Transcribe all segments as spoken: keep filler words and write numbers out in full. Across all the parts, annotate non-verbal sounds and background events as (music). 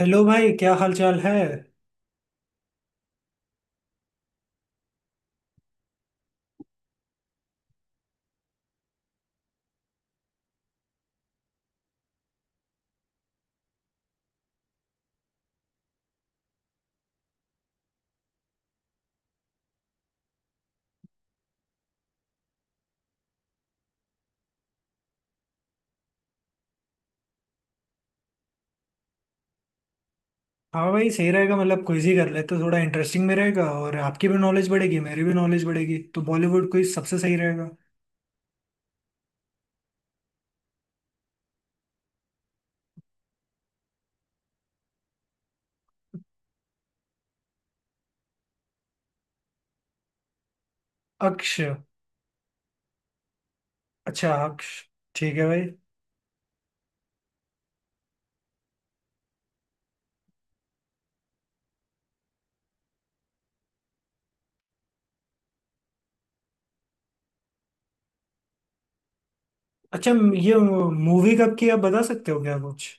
Hello भाई, क्या हाल चाल है। हाँ भाई, सही रहेगा। मतलब क्विज ही कर लेते, थोड़ा इंटरेस्टिंग भी रहेगा और आपकी भी नॉलेज बढ़ेगी, मेरी भी नॉलेज बढ़ेगी। तो बॉलीवुड क्विज सबसे सही रहेगा। अक्ष। अच्छा, अक्ष। ठीक है भाई। अच्छा, ये मूवी कब की आप बता सकते हो क्या कुछ?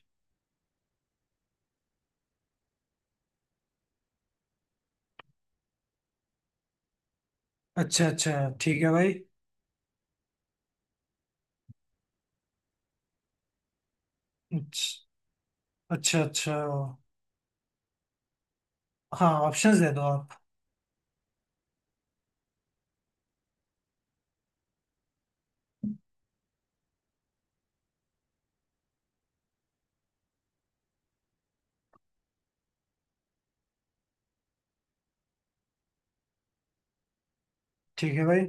अच्छा अच्छा, ठीक है भाई। अच्छा अच्छा अच्छा। हाँ, ऑप्शंस दे दो आप। ठीक है भाई।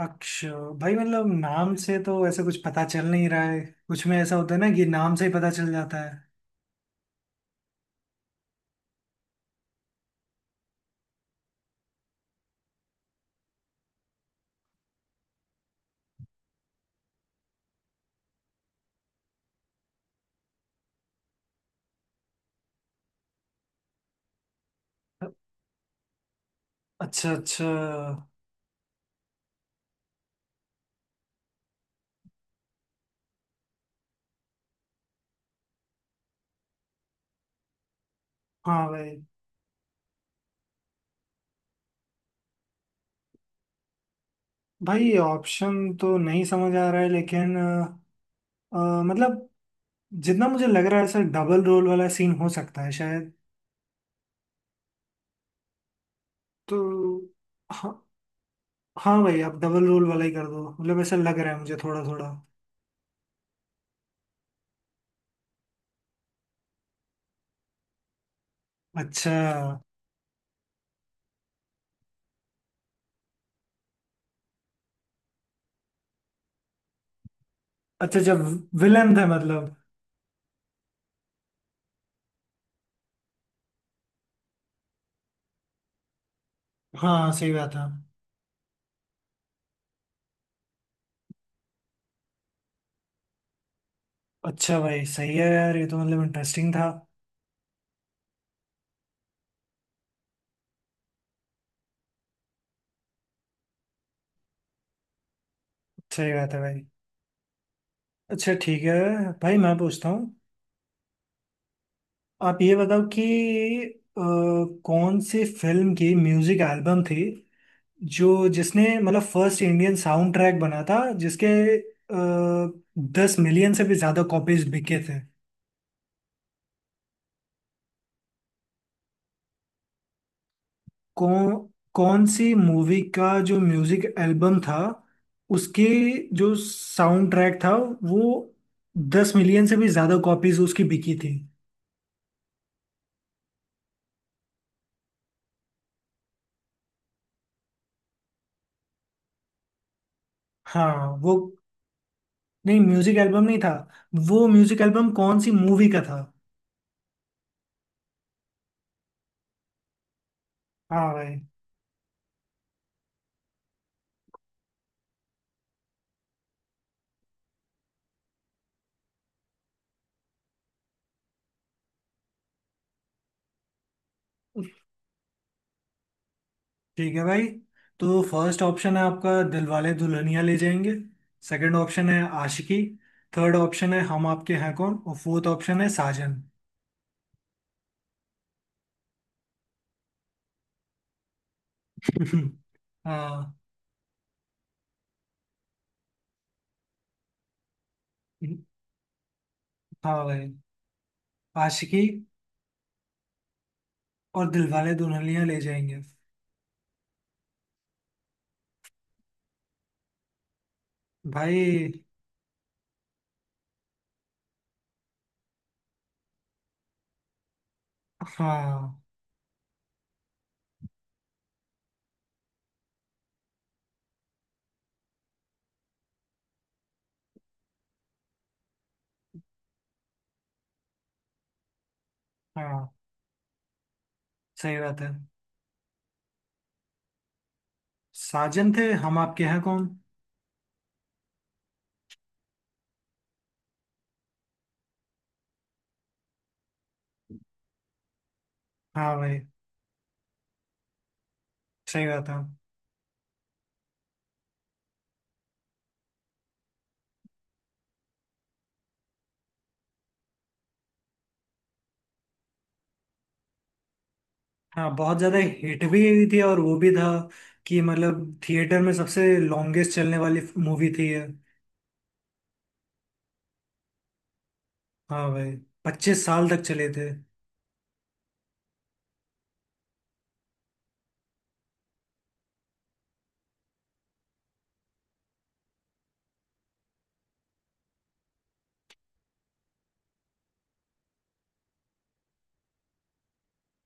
अक्ष। भाई मतलब नाम से तो ऐसा कुछ पता चल नहीं रहा है। कुछ में ऐसा होता है ना कि नाम से ही पता चल जाता है। अच्छा अच्छा। हाँ भाई। भाई, ऑप्शन तो नहीं समझ आ रहा है, लेकिन अ, अ, मतलब जितना मुझे लग रहा है सर डबल रोल वाला सीन हो सकता है शायद। तो हाँ। हाँ भाई, आप डबल रोल वाला ही कर दो। मतलब ऐसा लग रहा है मुझे थोड़ा थोड़ा। अच्छा अच्छा। जब विलन था मतलब। हाँ, सही बात है। अच्छा भाई, सही है यार, ये तो मतलब इंटरेस्टिंग था। सही बात है भाई। अच्छा ठीक है भाई, मैं पूछता हूँ। आप ये बताओ कि अ, कौन सी फिल्म की म्यूजिक एल्बम थी, जो जिसने मतलब फर्स्ट इंडियन साउंड ट्रैक बना था, जिसके दस मिलियन से भी ज्यादा कॉपीज बिके थे। कौन कौन सी मूवी का जो म्यूजिक एल्बम था उसके, जो साउंड ट्रैक था वो, दस मिलियन से भी ज्यादा कॉपीज उसकी बिकी थी। हाँ वो, नहीं म्यूजिक एल्बम नहीं था। वो म्यूजिक एल्बम कौन सी मूवी का था। हाँ भाई। ठीक है भाई, तो फर्स्ट ऑप्शन है आपका दिलवाले दुल्हनिया ले जाएंगे, सेकंड ऑप्शन है आशिकी, थर्ड ऑप्शन है हम आपके हैं कौन और फोर्थ ऑप्शन है साजन। (laughs) हाँ। हाँ भाई, आशिकी और दिलवाले दुल्हनिया ले जाएंगे। भाई। हाँ। हाँ, सही बात है। साजन थे, हम आपके हैं कौन। हाँ भाई, सही बात है। हाँ, बहुत ज्यादा हिट भी हुई थी और वो भी था कि मतलब थिएटर में सबसे लॉन्गेस्ट चलने वाली मूवी थी ये। हाँ भाई, पच्चीस साल तक चले थे।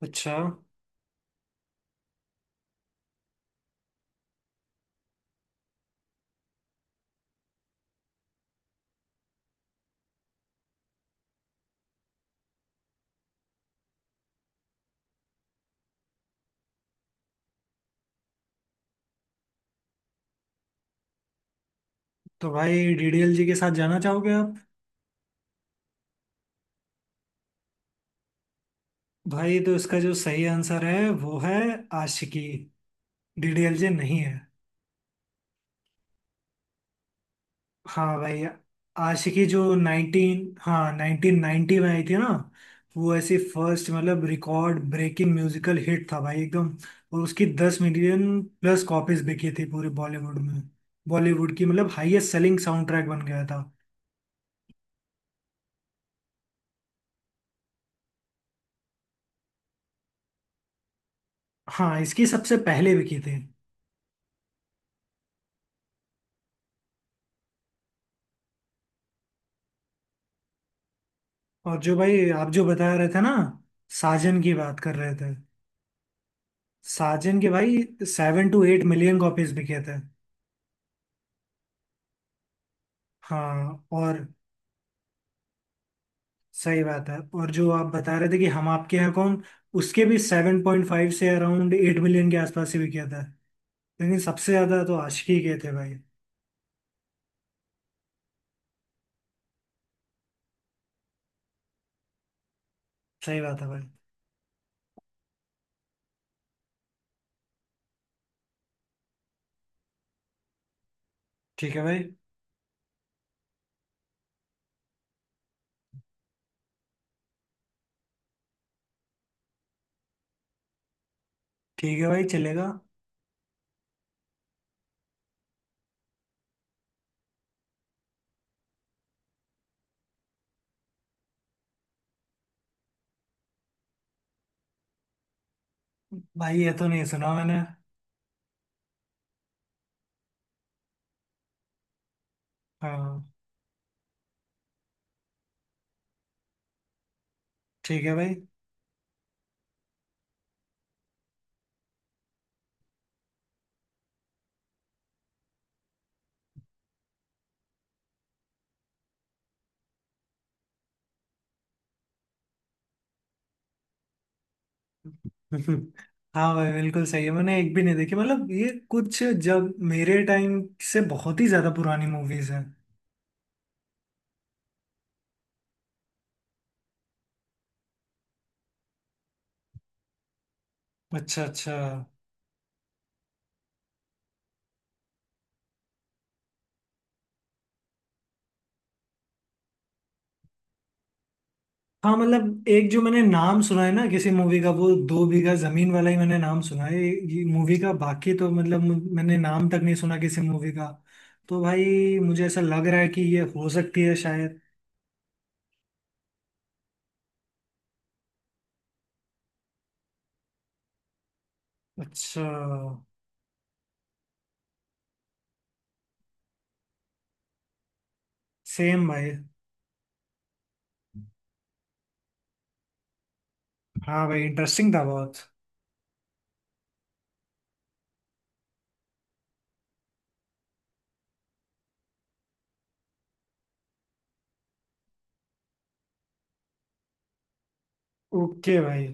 अच्छा। तो भाई, डीडीएल जी के साथ जाना चाहोगे आप? भाई, तो इसका जो सही आंसर है वो है आशिकी। डीडीएल जी नहीं है। हाँ भाई, आशिकी जो नाइनटीन, हाँ नाइनटीन नाइनटी में आई थी ना, वो ऐसी फर्स्ट मतलब रिकॉर्ड ब्रेकिंग म्यूजिकल हिट था भाई एकदम। और उसकी दस मिलियन प्लस कॉपीज बिकी थी पूरे बॉलीवुड में। बॉलीवुड की मतलब हाईएस्ट सेलिंग साउंड ट्रैक बन गया था। हाँ, इसकी सबसे पहले बिकी थी। और जो भाई, आप जो बता रहे थे ना, साजन की बात कर रहे थे, साजन के भाई seven to eight million copies बिके थे। हाँ और सही बात है। और जो आप बता रहे थे कि हम आपके यहाँ कौन, उसके भी सेवन पॉइंट फाइव से अराउंड एट मिलियन के आसपास ही बिके थे। लेकिन सबसे ज्यादा तो आशिकी के थे भाई। सही बात है भाई। ठीक है भाई। ठीक है भाई, चलेगा। भाई, ये तो नहीं सुना मैंने। हाँ, ठीक है भाई। (laughs) हाँ भाई, बिल्कुल सही है। मैंने एक भी नहीं देखी। मतलब ये कुछ जब मेरे टाइम से बहुत ही ज्यादा पुरानी मूवीज हैं। अच्छा अच्छा। हाँ मतलब एक जो मैंने नाम सुना है ना किसी मूवी का, वो दो बीघा जमीन वाला ही मैंने नाम सुना है ये मूवी का। बाकी तो मतलब मु- मैंने नाम तक नहीं सुना किसी मूवी का। तो भाई, मुझे ऐसा लग रहा है कि ये हो सकती है शायद। अच्छा। सेम भाई। हाँ भाई, इंटरेस्टिंग था बहुत। ओके भाई।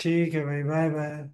ठीक है भाई, बाय बाय।